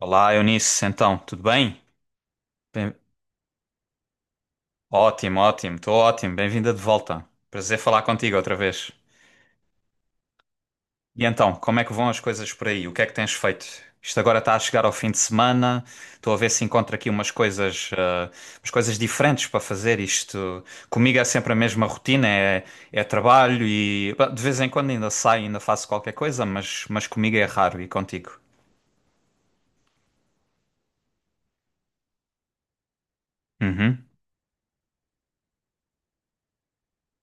Olá, Eunice, então, tudo bem? Bem- Ótimo, ótimo, estou ótimo, bem-vinda de volta. Prazer falar contigo outra vez. E então, como é que vão as coisas por aí? O que é que tens feito? Isto agora está a chegar ao fim de semana, estou a ver se encontro aqui umas coisas, umas coisas diferentes para fazer. Isto comigo é sempre a mesma rotina, é trabalho e bah, de vez em quando ainda saio, ainda faço qualquer coisa, mas comigo é raro e contigo. Uhum.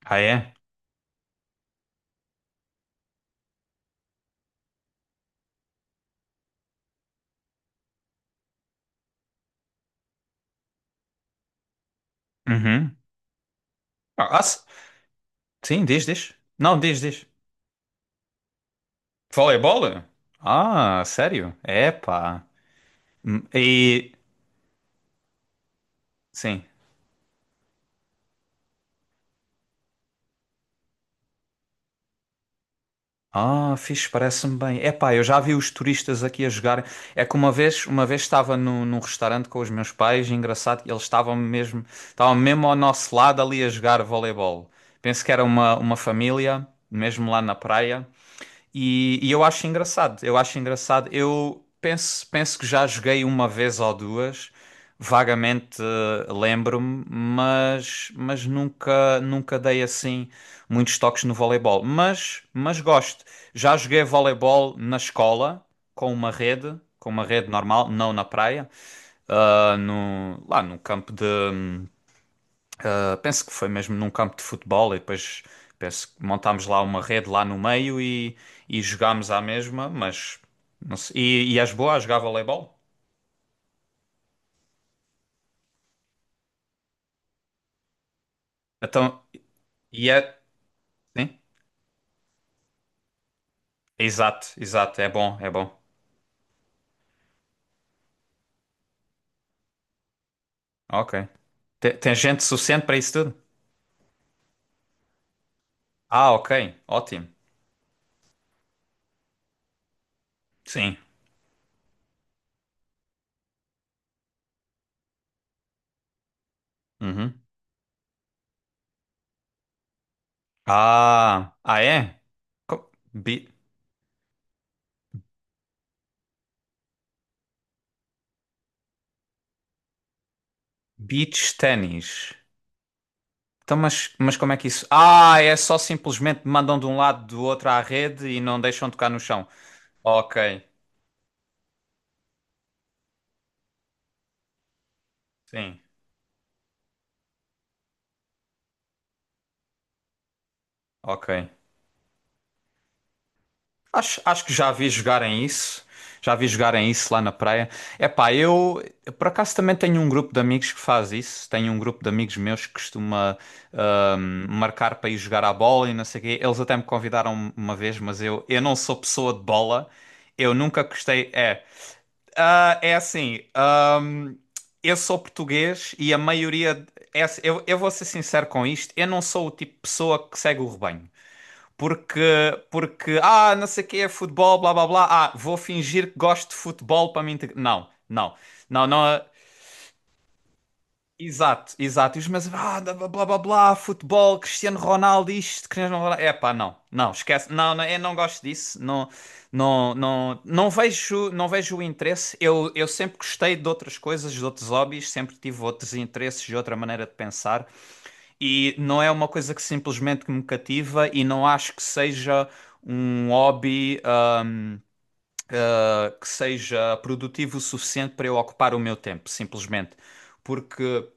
Ah, é? Uhum. Ah, ah, se- sim, diz. Não, diz. Vôlei. Ah, sério? Epá. E. Sim. Ah, fixe, parece-me bem. Epá, eu já vi os turistas aqui a jogar. É que uma vez estava no, num restaurante com os meus pais, e engraçado, estavam mesmo ao nosso lado ali a jogar voleibol. Penso que era uma família, mesmo lá na praia. E eu acho engraçado, eu acho engraçado. Eu penso que já joguei uma vez ou duas, vagamente lembro-me, mas nunca dei assim muitos toques no voleibol. Mas gosto. Já joguei voleibol na escola, com uma rede normal, não na praia, no, lá no campo de. Penso que foi mesmo num campo de futebol e depois penso que montámos lá uma rede lá no meio e jogámos à mesma, mas não sei. E és boa a jogar voleibol? Então, e é. Sim? Exato, exato, é bom, é bom. Ok. Tem gente suficiente para isso tudo? Ah, ok, ótimo. Sim. Uhum. Ah, ah é? Co- Be- beach ténis. Então, mas como é que isso? Ah, é só simplesmente mandam de um lado do outro à rede e não deixam tocar no chão. Ok, sim, ok. Acho que já vi jogarem isso. Já vi jogarem isso lá na praia. Epá, eu por acaso também tenho um grupo de amigos que faz isso. Tenho um grupo de amigos meus que costuma marcar para ir jogar à bola e não sei o quê. Eles até me convidaram uma vez, mas eu não sou pessoa de bola. Eu nunca gostei. É, ah, é assim, eu sou português e a maioria. É assim, eu vou ser sincero com isto, eu não sou o tipo de pessoa que segue o rebanho. Porque, não sei o que é futebol, blá blá blá, ah, vou fingir que gosto de futebol para me integrar. Não, não, não, não. Exato, exato. E os meus, ah, blá blá blá, blá futebol, Cristiano Ronaldo, isto, Cristiano Ronaldo. É pá, não, não, esquece, não, não, eu não gosto disso, não, não, não, não vejo, não vejo o interesse. Eu sempre gostei de outras coisas, de outros hobbies, sempre tive outros interesses, de outra maneira de pensar, e não é uma coisa que simplesmente que me cativa e não acho que seja um hobby, que seja produtivo o suficiente para eu ocupar o meu tempo, simplesmente. Porque.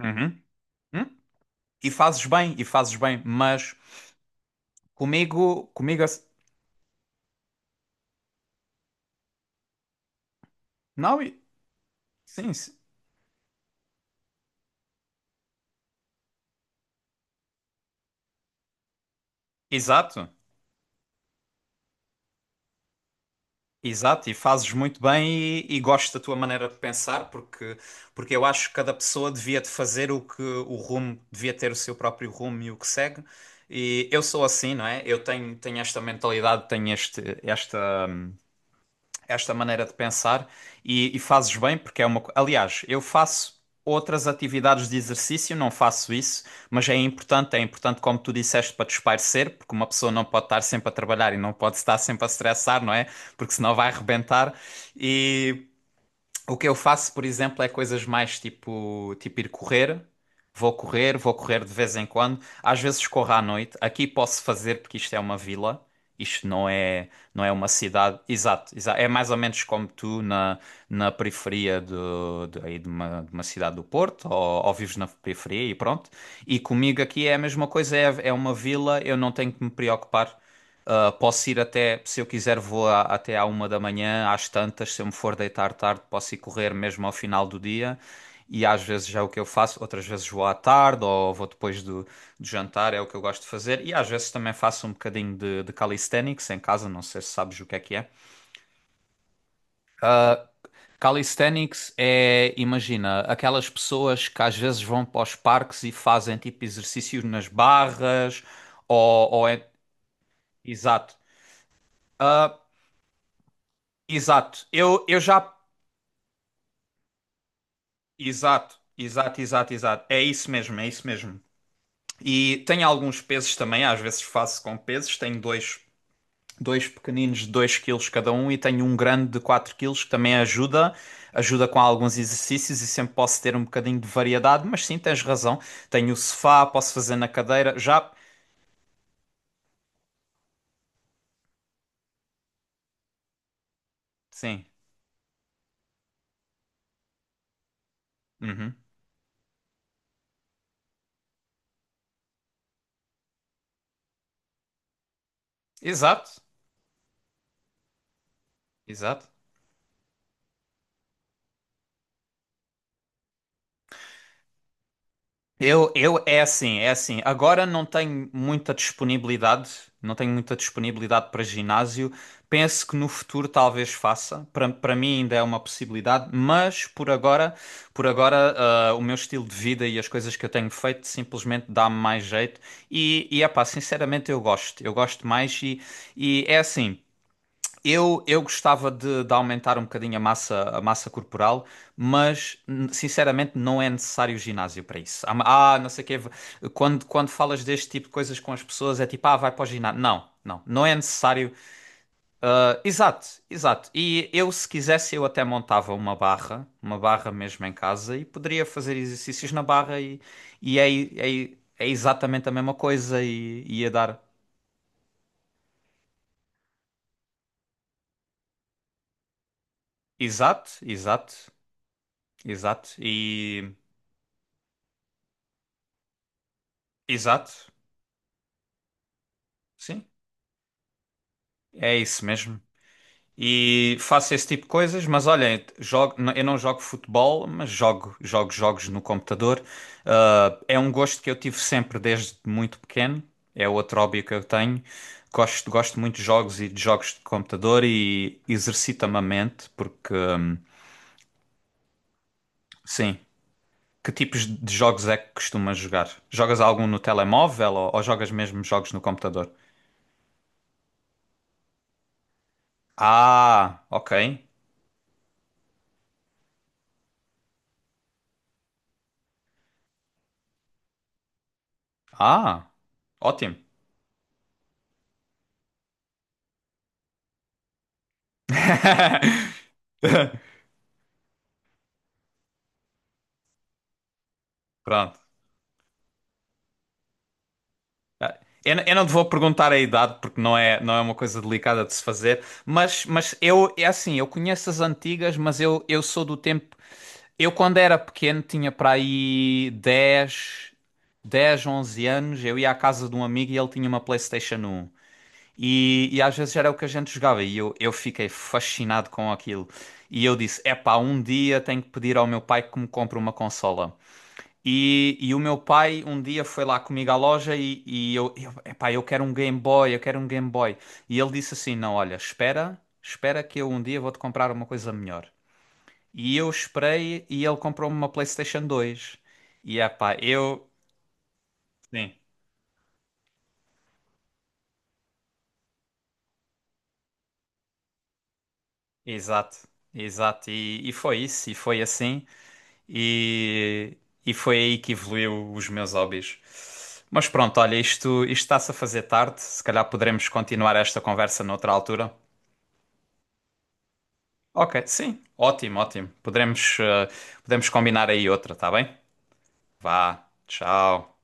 Uhum. Hum? E fazes bem, mas comigo, comigo, ass- não, sim, sim. Exato, exato, e fazes muito bem e gosto da tua maneira de pensar, porque eu acho que cada pessoa devia de fazer o que o rumo, devia ter o seu próprio rumo e o que segue, e eu sou assim, não é? Eu tenho esta mentalidade, tenho esta esta maneira de pensar e fazes bem porque é uma. Aliás, eu faço outras atividades de exercício, não faço isso, mas é importante, como tu disseste, para desaparecer, porque uma pessoa não pode estar sempre a trabalhar e não pode estar sempre a estressar, não é? Porque senão vai arrebentar. E o que eu faço, por exemplo, é coisas mais tipo, tipo ir correr. Vou correr de vez em quando. Às vezes corro à noite. Aqui posso fazer porque isto é uma vila. Isto não é, não é uma cidade. É mais ou menos como tu na periferia aí de de uma cidade do Porto, ou vives na periferia e pronto. E comigo aqui é a mesma coisa, é uma vila, eu não tenho que me preocupar. Posso ir até, se eu quiser, até à uma da manhã, às tantas, se eu me for deitar tarde, posso ir correr mesmo ao final do dia. E às vezes já é o que eu faço, outras vezes vou à tarde ou vou depois do jantar, é o que eu gosto de fazer. E às vezes também faço um bocadinho de calisthenics em casa, não sei se sabes o que é que é. Calisthenics é, imagina, aquelas pessoas que às vezes vão para os parques e fazem tipo exercícios nas barras ou é... Exato. Ah, exato. Eu já Exato, exato, exato, exato. É isso mesmo, é isso mesmo. E tenho alguns pesos também, às vezes faço com pesos. Tenho dois pequeninos de 2 quilos cada um e tenho um grande de 4 quilos que também ajuda, ajuda com alguns exercícios e sempre posso ter um bocadinho de variedade, mas sim, tens razão. Tenho o sofá, posso fazer na cadeira, já. Sim, uhum. Exato, exato. É assim, é assim. Agora não tenho muita disponibilidade, não tenho muita disponibilidade para ginásio. Penso que no futuro talvez faça. Para mim ainda é uma possibilidade, mas por agora, o meu estilo de vida e as coisas que eu tenho feito simplesmente dá-me mais jeito. E é pá, sinceramente eu gosto. Eu gosto mais e é assim. Eu gostava de aumentar um bocadinho a massa corporal, mas sinceramente não é necessário ginásio para isso. Ah, ah, não sei o quê. Quando falas deste tipo de coisas com as pessoas, é tipo, ah, vai para o ginásio. Não, não, não é necessário. Ah, exato, exato. E eu, se quisesse, eu até montava uma barra mesmo em casa, e poderia fazer exercícios na barra, e, é exatamente a mesma coisa, e ia dar. Exato, exato, exato. E. Exato. Sim, é isso mesmo. E faço esse tipo de coisas, mas olhem, eu não jogo futebol, mas jogo jogos no computador. Ah, é um gosto que eu tive sempre desde muito pequeno. É outro hobby que eu tenho. Gosto muito de jogos e de jogos de computador e exercita-me a mente, sim, que tipos de jogos é que costumas jogar? Jogas algum no telemóvel ou jogas mesmo jogos no computador? Ah, ok. Ah, ótimo. Pronto. Eu não te vou perguntar a idade porque não é uma coisa delicada de se fazer, é assim, eu conheço as antigas, mas eu sou do tempo. Eu, quando era pequeno, tinha para aí 10, 11 anos. Eu ia à casa de um amigo e ele tinha uma PlayStation 1. E às vezes era o que a gente jogava e eu fiquei fascinado com aquilo. E eu disse: Epá, um dia tenho que pedir ao meu pai que me compre uma consola. E o meu pai um dia foi lá comigo à loja e, epá, eu quero um Game Boy, eu quero um Game Boy. E ele disse assim: Não, olha, espera, espera que eu um dia vou-te comprar uma coisa melhor. E eu esperei e ele comprou-me uma PlayStation 2. E epá, eu. Sim, exato, exato. E foi isso, e foi assim. E, e foi aí que evoluiu os meus hobbies. Mas pronto, olha, isto está-se a fazer tarde. Se calhar poderemos continuar esta conversa noutra altura. Ok, sim, ótimo, ótimo. Podemos, podemos combinar aí outra, tá bem? Vá, tchau.